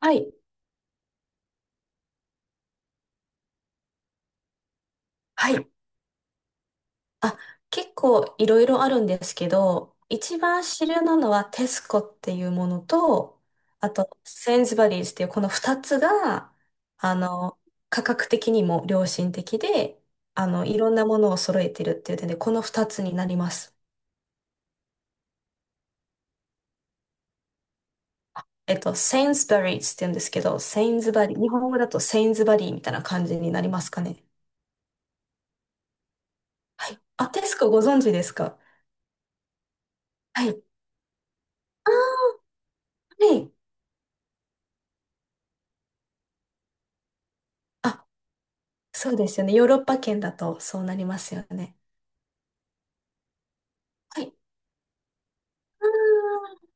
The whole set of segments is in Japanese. はい。はい。あ、結構いろいろあるんですけど、一番主流なのはテスコっていうものと、あと、センズバリーズっていうこの二つが、あの、価格的にも良心的で、いろんなものを揃えてるっていう点で、この二つになります。センズバリーズって言うんですけど、セインズバリー、日本語だとセインズバリーみたいな感じになりますかね。はい。あ、テスコご存知ですか？はい。はい。あ、そうですよね。ヨーロッパ圏だとそうなりますよね。はい。あー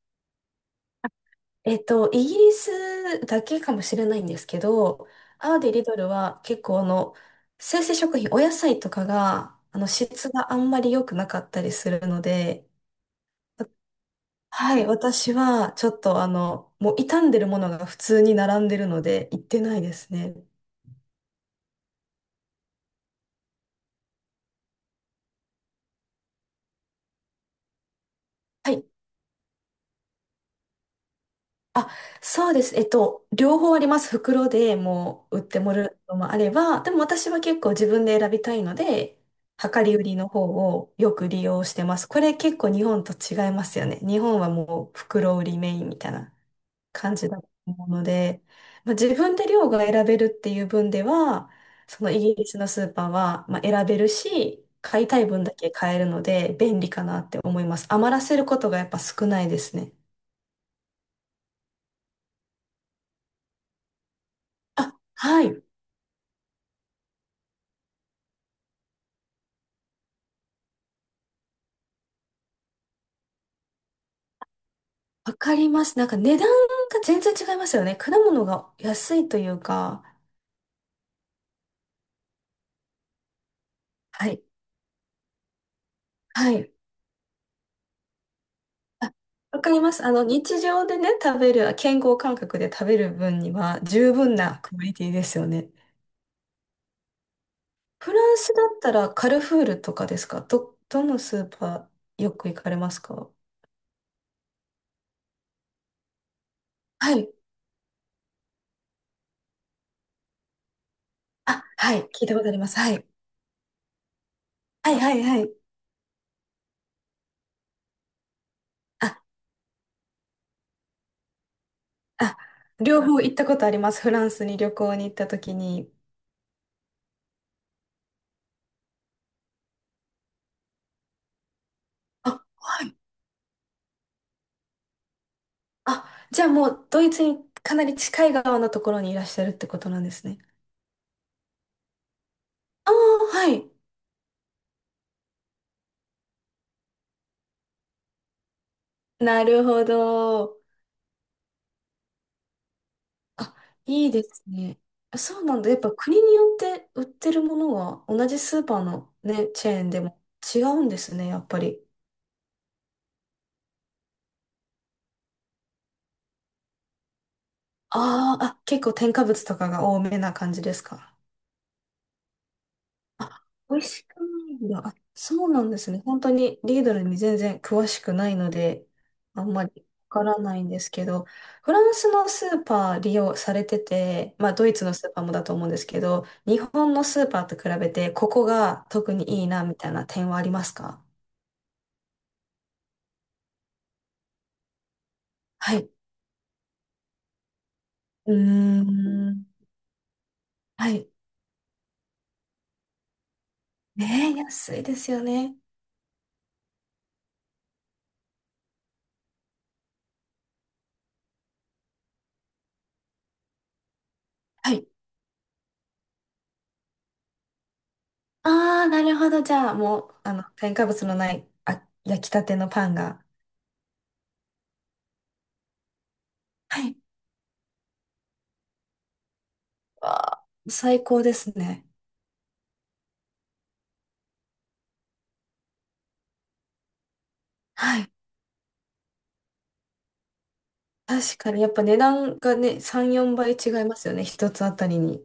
イギリスだけかもしれないんですけど、アーディ・リドルは結構生鮮食品、お野菜とかが、質があんまり良くなかったりするので、はい、私はちょっともう傷んでるものが普通に並んでるので、行ってないですね。はい。あ、そうです。両方あります。袋でもう売ってもらうのもあれば、でも私は結構自分で選びたいので、量り売りの方をよく利用してます。これ結構日本と違いますよね。日本はもう袋売りメインみたいな感じだと思うので、まあ、自分で量が選べるっていう分では、そのイギリスのスーパーは、まあ、選べるし、買いたい分だけ買えるので便利かなって思います。余らせることがやっぱ少ないですね。あ、はい。わかります。なんか値段が全然違いますよね。果物が安いというか。はい。はい。わかります。日常でね、食べる、健康感覚で食べる分には十分なクオリティですよね。フランスだったらカルフールとかですかど、どのスーパーよく行かれますか？はい。あ、はい。聞いたことあります。はい。はい、はい、はい。あ、あ、両方行ったことあります。フランスに旅行に行った時に。あ、はい。あ、じゃあもうドイツにかなり近い側のところにいらっしゃるってことなんですね。ああ、はい。なるほど。あ、いいですね。あ、そうなんだ。やっぱ国によって売ってるものは同じスーパーのね、チェーンでも違うんですね、やっぱり。あーあ、結構添加物とかが多めな感じですか？あ、美味しくないんだ。あ、そうなんですね。本当にリードルに全然詳しくないので、あんまりわからないんですけど、フランスのスーパー利用されてて、まあドイツのスーパーもだと思うんですけど、日本のスーパーと比べて、ここが特にいいなみたいな点はありますか？はい。うーん。はい。ねえ、安いですよね。はい。ああ、なるほど。じゃあ、もう、添加物のない、あ、焼きたてのパンが。はい。わあ、最高ですね。はい。確かに、やっぱ値段がね、3、4倍違いますよね。一つあたりに。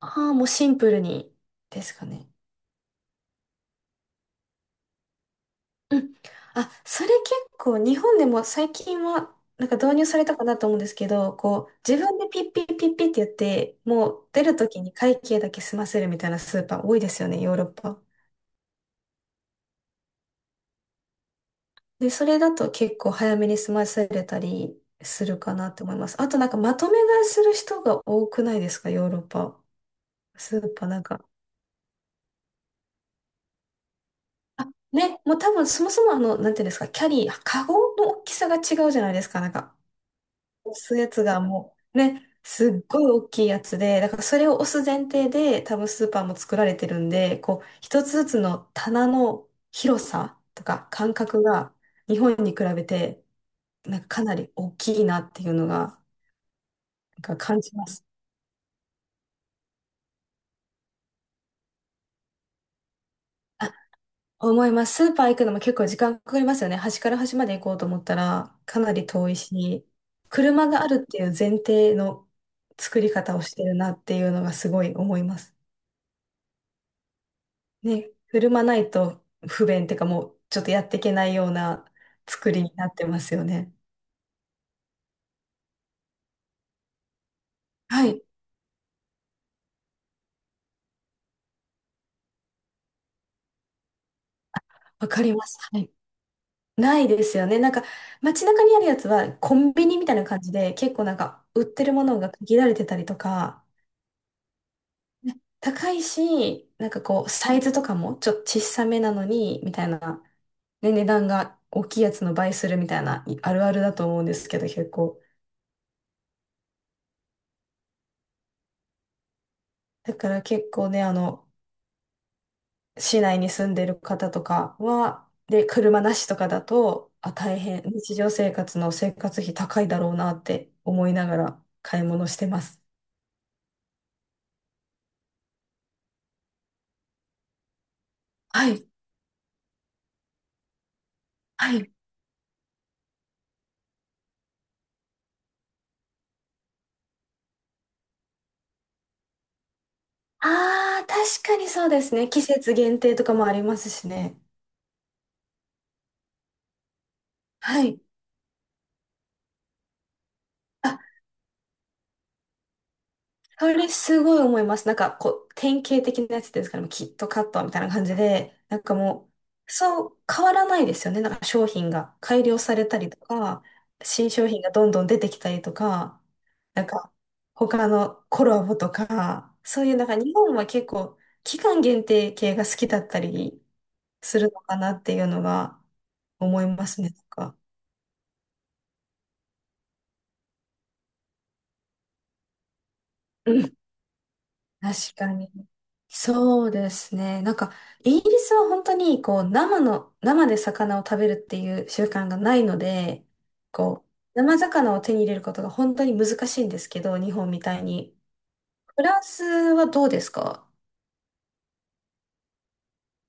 ああ、もうシンプルにですかね。うん。あ、それ結構、日本でも最近は、なんか導入されたかなと思うんですけど、こう、自分でピッピッピッピッってやって、もう出るときに会計だけ済ませるみたいなスーパー多いですよね、ヨーロッパ。で、それだと結構早めに済ませれたりするかなって思います。あとなんかまとめ買いする人が多くないですか、ヨーロッパ？スーパーなんか、ね、もう多分そもそもなんていうんですか、キャリー、カゴの大きさが違うじゃないですか、なんか、押すやつがもう、ね、すっごい大きいやつで、だからそれを押す前提で、多分スーパーも作られてるんで、こう、一つずつの棚の広さとか間隔が、日本に比べて、なんかかなり大きいなっていうのが、なんか感じます。思います。スーパー行くのも結構時間かかりますよね。端から端まで行こうと思ったらかなり遠いし、車があるっていう前提の作り方をしてるなっていうのがすごい思います。ね、車ないと不便っていうかもうちょっとやっていけないような作りになってますよね。はい、わかります。はい。ないですよね。なんか街中にあるやつはコンビニみたいな感じで結構なんか売ってるものが限られてたりとか、高いし、なんかこう、サイズとかもちょっと小さめなのに、みたいな、ね、値段が大きいやつの倍するみたいな、いあるあるだと思うんですけど、結構。だから結構ね、市内に住んでる方とかは、で、車なしとかだと、あ、大変、日常生活の生活費高いだろうなって思いながら買い物してます。はい、はい。ああ、確かにそうですね。季節限定とかもありますしね。はい。あ、それすごい思います。なんか、こう、典型的なやつですから、もうキットカットみたいな感じで、なんかもう、そう変わらないですよね。なんか商品が改良されたりとか、新商品がどんどん出てきたりとか、なんか、他のコラボとか、そういうなんか日本は結構、期間限定系が好きだったりするのかなっていうのが思いますね。なんか。確かに。そうですね。なんか、イギリスは本当に、こう、生の、生で魚を食べるっていう習慣がないので、こう、生魚を手に入れることが本当に難しいんですけど、日本みたいに。フランスはどうですか？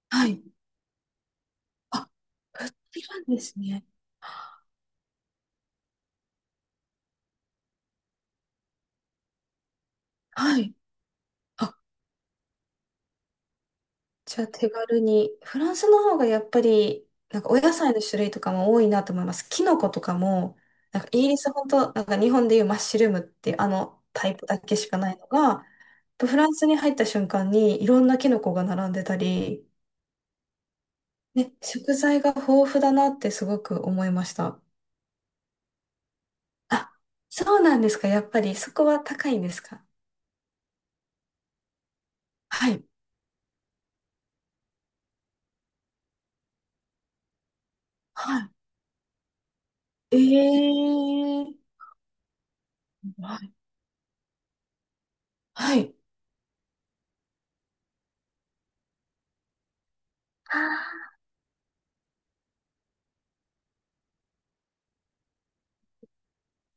はい。あ、売ってるんですね。はい。あ、じゃあ手軽に。フランスの方がやっぱり、なんかお野菜の種類とかも多いなと思います。キノコとかも、なんかイギリス本当、なんか日本でいうマッシュルームっていうあのタイプだけしかないのが、フランスに入った瞬間にいろんなキノコが並んでたり、ね、食材が豊富だなってすごく思いました。あ、そうなんですか？やっぱりそこは高いんですか？はい。はい。ええー。はい。はい。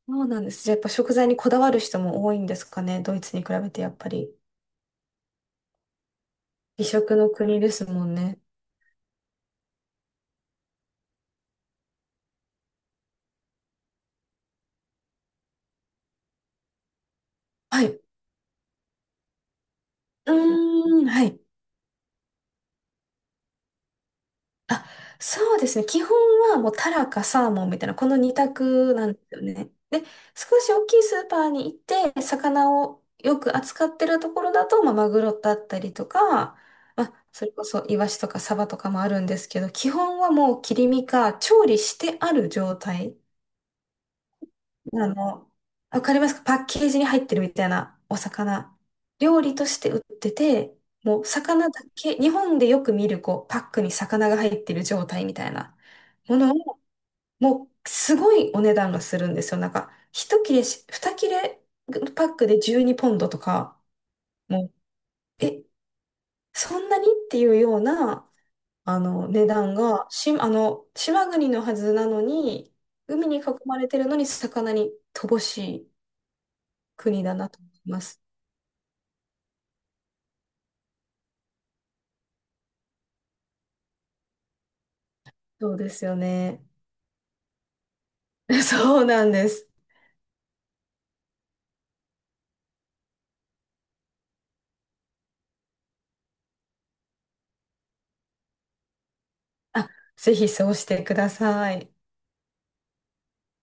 そうなんです。じゃあやっぱ食材にこだわる人も多いんですかね。ドイツに比べてやっぱり。美食の国ですもんね。はい。うーん、はい。あ、そうですね。基本はもうタラかサーモンみたいな、この二択なんですよね。で、少し大きいスーパーに行って、魚をよく扱ってるところだと、まあ、マグロだったりとか、まあ、それこそイワシとかサバとかもあるんですけど、基本はもう切り身か調理してある状態。あの、わかりますか？パッケージに入ってるみたいなお魚。料理として売ってて、もう魚だけ、日本でよく見るこうパックに魚が入ってる状態みたいなものを、もうすごいお値段がするんですよ。なんか、一切れし、二切れパックで12ポンドとか、もう、え、そんなにっていうような、値段が、し、島国のはずなのに、海に囲まれてるのに魚に乏しい。国だなと思います。そうですよね。そうなんです。あ、ぜひそうしてください。